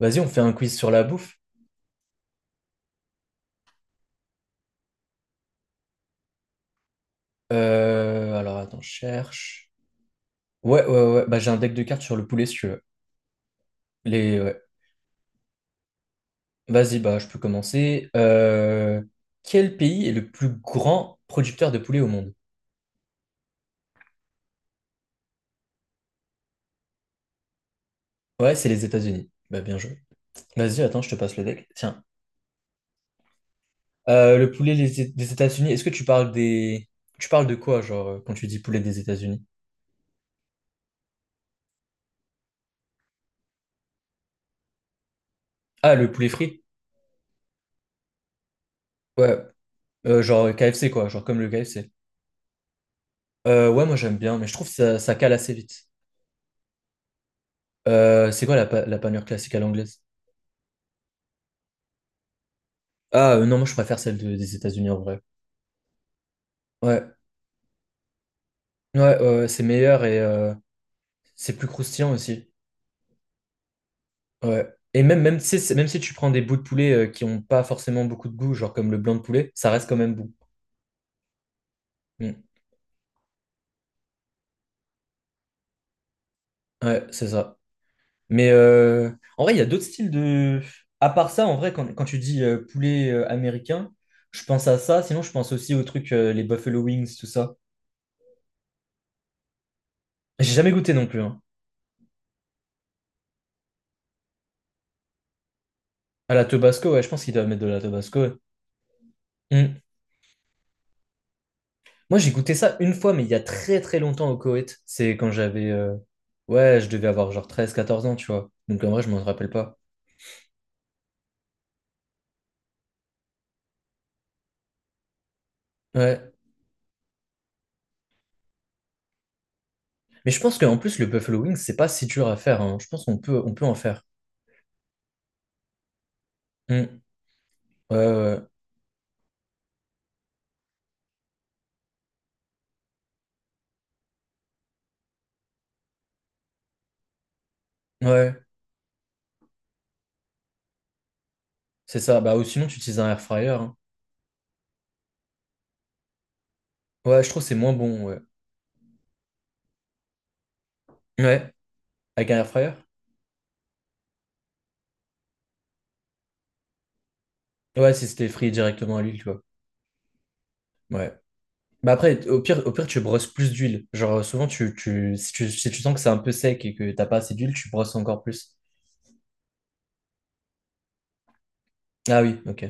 Vas-y, on fait un quiz sur la bouffe. Attends, je cherche. Ouais, ouais, ouais. Bah, j'ai un deck de cartes sur le poulet, si tu veux. Les, ouais. Vas-y, bah, je peux commencer. Quel pays est le plus grand producteur de poulet au monde? Ouais, c'est les États-Unis. Bah, bien joué. Vas-y, attends, je te passe le deck. Tiens. Le poulet des des États-Unis, est-ce que tu parles des... Tu parles de quoi, genre, quand tu dis poulet des États-Unis? Ah, le poulet frit? Ouais. Genre KFC, quoi. Genre comme le KFC. Ouais, moi, j'aime bien, mais je trouve que ça cale assez vite. C'est quoi la panure classique à l'anglaise? Ah non, moi je préfère celle des États-Unis en vrai. Ouais, ouais, ouais, ouais, c'est meilleur et c'est plus croustillant aussi. Ouais. Et même, même si tu prends des bouts de poulet qui ont pas forcément beaucoup de goût, genre comme le blanc de poulet, ça reste quand même bon. Mm. Ouais, c'est ça. Mais en vrai, il y a d'autres styles de. À part ça, en vrai, quand tu dis poulet américain, je pense à ça. Sinon, je pense aussi aux trucs, les Buffalo Wings, tout ça. J'ai jamais goûté non plus, hein. À la Tabasco, ouais, je pense qu'ils doivent mettre de la Tabasco, ouais. Mm. Moi, j'ai goûté ça une fois, mais il y a très très longtemps au Koweït. C'est quand j'avais... Ouais, je devais avoir genre treize quatorze ans, tu vois. Donc en vrai, je m'en rappelle pas. Ouais. Mais je pense qu'en plus, le buffalo wings c'est pas si dur à faire, hein. Je pense qu'on peut, on peut en faire. Hmm. Ouais, ouais. Ouais, Ouais, c'est ça. Bah, ou sinon, tu utilises un air fryer, hein. Ouais, je trouve que c'est moins bon, ouais. Ouais, avec un air fryer? Ouais, si c'était frit directement à l'huile, tu vois. Ouais. Bah après, au pire, tu brosses plus d'huile. Genre, souvent, si tu sens que c'est un peu sec et que t'as pas assez d'huile, tu brosses encore plus. Ah oui, ok.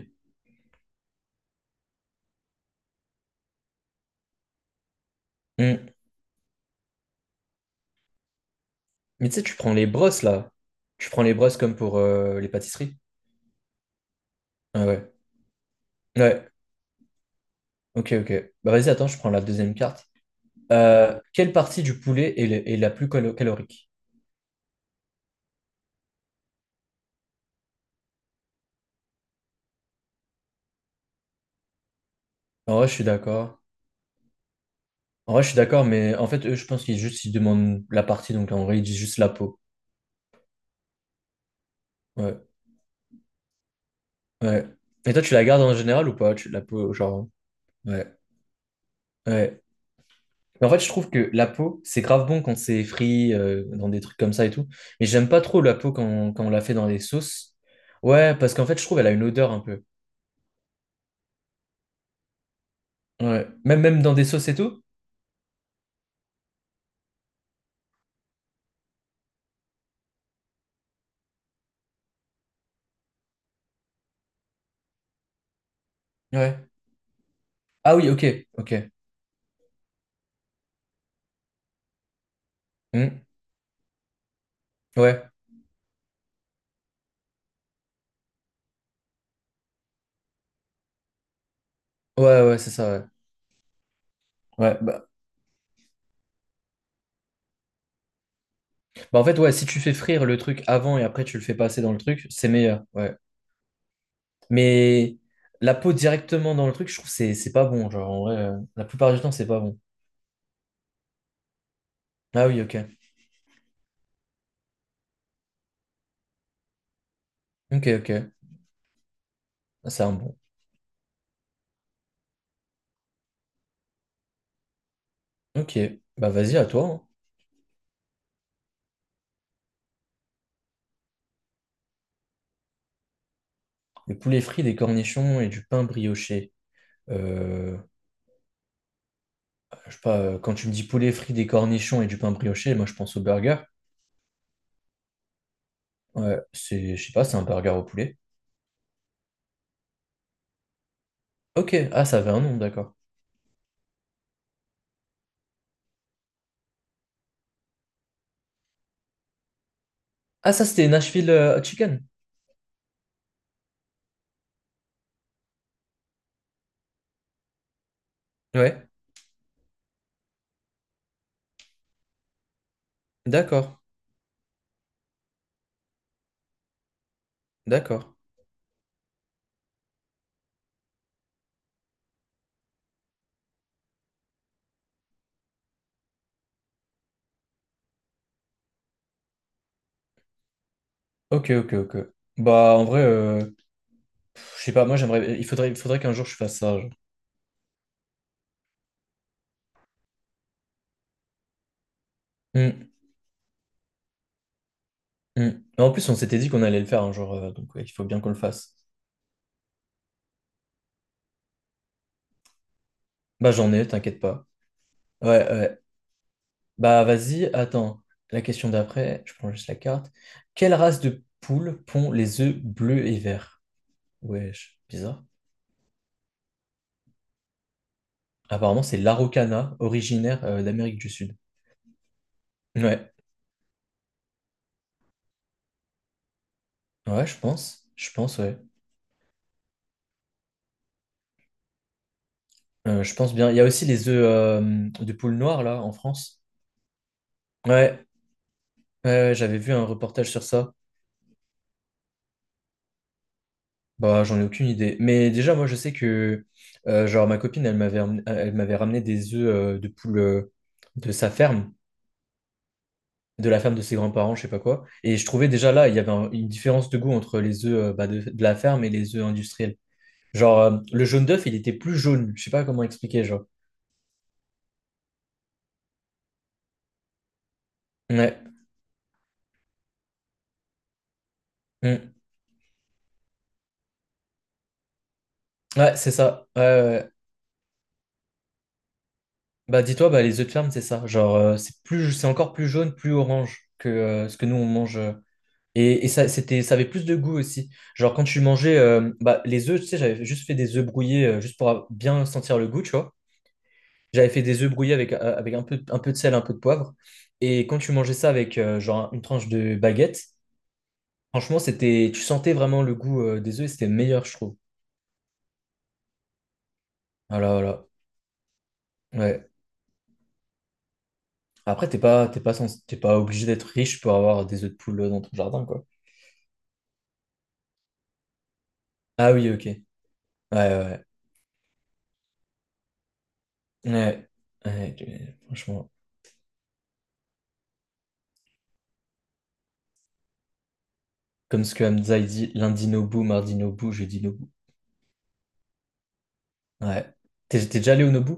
Mm. Mais tu sais, tu prends les brosses là. Tu prends les brosses comme pour les pâtisseries. Ah ouais. Ouais. Ok, ok. Bah vas-y, attends, je prends la deuxième carte. Quelle partie du poulet est la plus calorique? En vrai, je suis d'accord. En vrai, je suis d'accord, mais en fait, eux, je pense qu'ils juste ils demandent la partie, donc en vrai, ils disent juste la peau. Ouais. Ouais. Et toi, tu la gardes en général ou pas? Tu, la peau, genre. Ouais. Ouais. Mais en fait, je trouve que la peau, c'est grave bon quand c'est frit, dans des trucs comme ça et tout. Mais j'aime pas trop la peau quand on la fait dans des sauces. Ouais, parce qu'en fait, je trouve elle a une odeur un peu. Ouais. Même, même dans des sauces et tout. Ouais. Ah oui, ok, ok. Hmm. Ouais, ouais, ouais, c'est ça, ouais. Ouais, bah, bah en fait, ouais, si tu fais frire le truc avant et après tu le fais passer dans le truc, c'est meilleur, ouais. Mais la peau directement dans le truc, je trouve que c'est pas bon, genre, en vrai, la plupart du temps, c'est pas bon. Ah oui, ok. Ok, ok. Ah, c'est un bon. Ok, bah vas-y, à toi, hein. Des poulets frits, des cornichons et du pain brioché. Euh, je sais pas, quand tu me dis poulet frit, des cornichons et du pain brioché, moi je pense au burger. Ouais, c'est, je sais pas, c'est un burger au poulet. Ok, ah, ça avait un nom, d'accord. Ah, ça c'était Nashville Hot Chicken. Ouais, d'accord, d'accord. Ok, ok, ok. Bah, en vrai, pff, je sais pas, moi j'aimerais, il faudrait qu'un jour je fasse ça, genre. Hum, Mais en plus, on s'était dit qu'on allait le faire un jour, donc ouais, il faut bien qu'on le fasse. Bah, j'en ai, t'inquiète pas. Ouais, ouais. Bah vas-y, attends. La question d'après, je prends juste la carte. Quelle race de poule pond les œufs bleus et verts? Wesh, bizarre. Apparemment, c'est l'Araucana, originaire d'Amérique du Sud. Ouais, ouais, je pense. Je pense, ouais. Je pense bien. Il y a aussi les œufs de poule noire, là, en France. Ouais, ouais, ouais, j'avais vu un reportage sur ça. Bah, j'en ai aucune idée. Mais déjà, moi, je sais que, genre, ma copine, elle m'avait ramené des œufs de poule de sa ferme. De la ferme de ses grands-parents, je sais pas quoi. Et je trouvais déjà là, il y avait une différence de goût entre les œufs bah, de la ferme et les œufs industriels. Genre, le jaune d'œuf, il était plus jaune. Je sais pas comment expliquer, genre. Ouais, Mm. Ouais, c'est ça. Ouais, ouais, ouais. Bah, dis-toi, bah, les œufs de ferme, c'est ça. Genre, c'est plus, c'est encore plus jaune, plus orange que ce que nous, on mange. Et ça, c'était, ça avait plus de goût aussi. Genre, quand tu mangeais bah, les œufs, tu sais, j'avais juste fait des œufs brouillés juste pour bien sentir le goût, tu vois. J'avais fait des œufs brouillés avec, avec un peu de sel, un peu de poivre. Et quand tu mangeais ça avec genre une tranche de baguette, franchement, c'était, tu sentais vraiment le goût des œufs et c'était meilleur, je trouve. Voilà, voilà. Ouais. Après, t'es pas, t'es pas obligé d'être riche pour avoir des œufs de poule dans ton jardin, quoi. Ah oui, ok. Ouais, ouais, ouais. Ouais, tu- franchement. Comme ce que Hamza il dit, lundi Nobu, mardi Nobu, jeudi Nobu. Ouais. T'es t'es déjà allé au Nobu?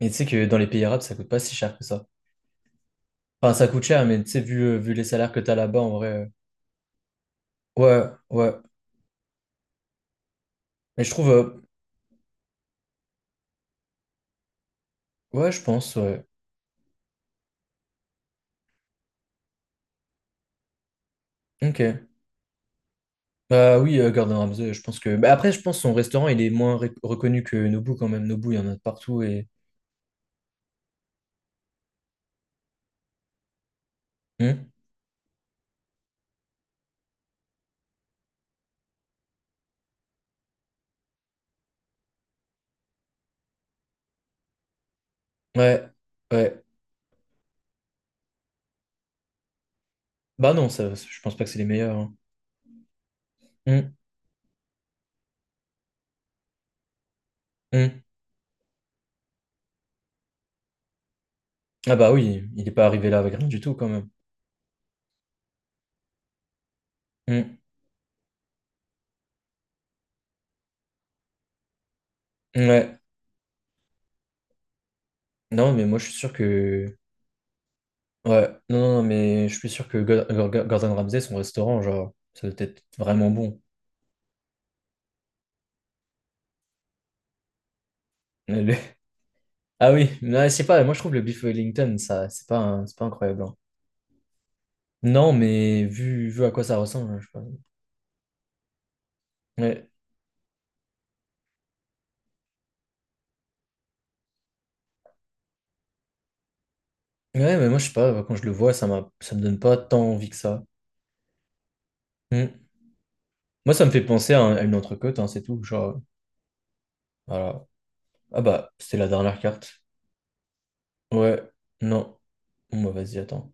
Et tu sais que dans les pays arabes, ça coûte pas si cher que ça. Enfin, ça coûte cher, mais tu sais, vu, vu les salaires que t'as là-bas, en vrai. Ouais, ouais. Mais je trouve, ouais, je pense, ouais. Ok. Bah oui, Gordon Ramsay, je pense que. Bah, après, je pense son restaurant, il est moins reconnu que Nobu quand même. Nobu, il y en a de partout et. Hmm. Ouais, ouais. Bah non, ça- je pense pas que c'est les meilleurs, hein. Hmm, hmm. Ah bah oui, il est pas arrivé là avec rien du tout quand même. Hmm, Ouais. Non, mais moi, je suis sûr que. Ouais. Non, non, non, mais je suis sûr que Gordon Ramsay, son restaurant, genre, ça doit être vraiment bon. Ah oui, mais c'est pas, moi je trouve le beef Wellington, ça, c'est pas, c'est pas incroyable, hein. Non, mais vu, vu à quoi ça ressemble, hein, je sais pas. Ouais. Ouais, mais moi je sais pas, bah, quand je le vois, ça m'a, ça me donne pas tant envie que ça. Hmm. Moi ça me fait penser à, à une entrecôte, hein, c'est tout. Genre, voilà. Ah bah, c'était la dernière carte. Ouais, non. Bon, bah vas-y, attends.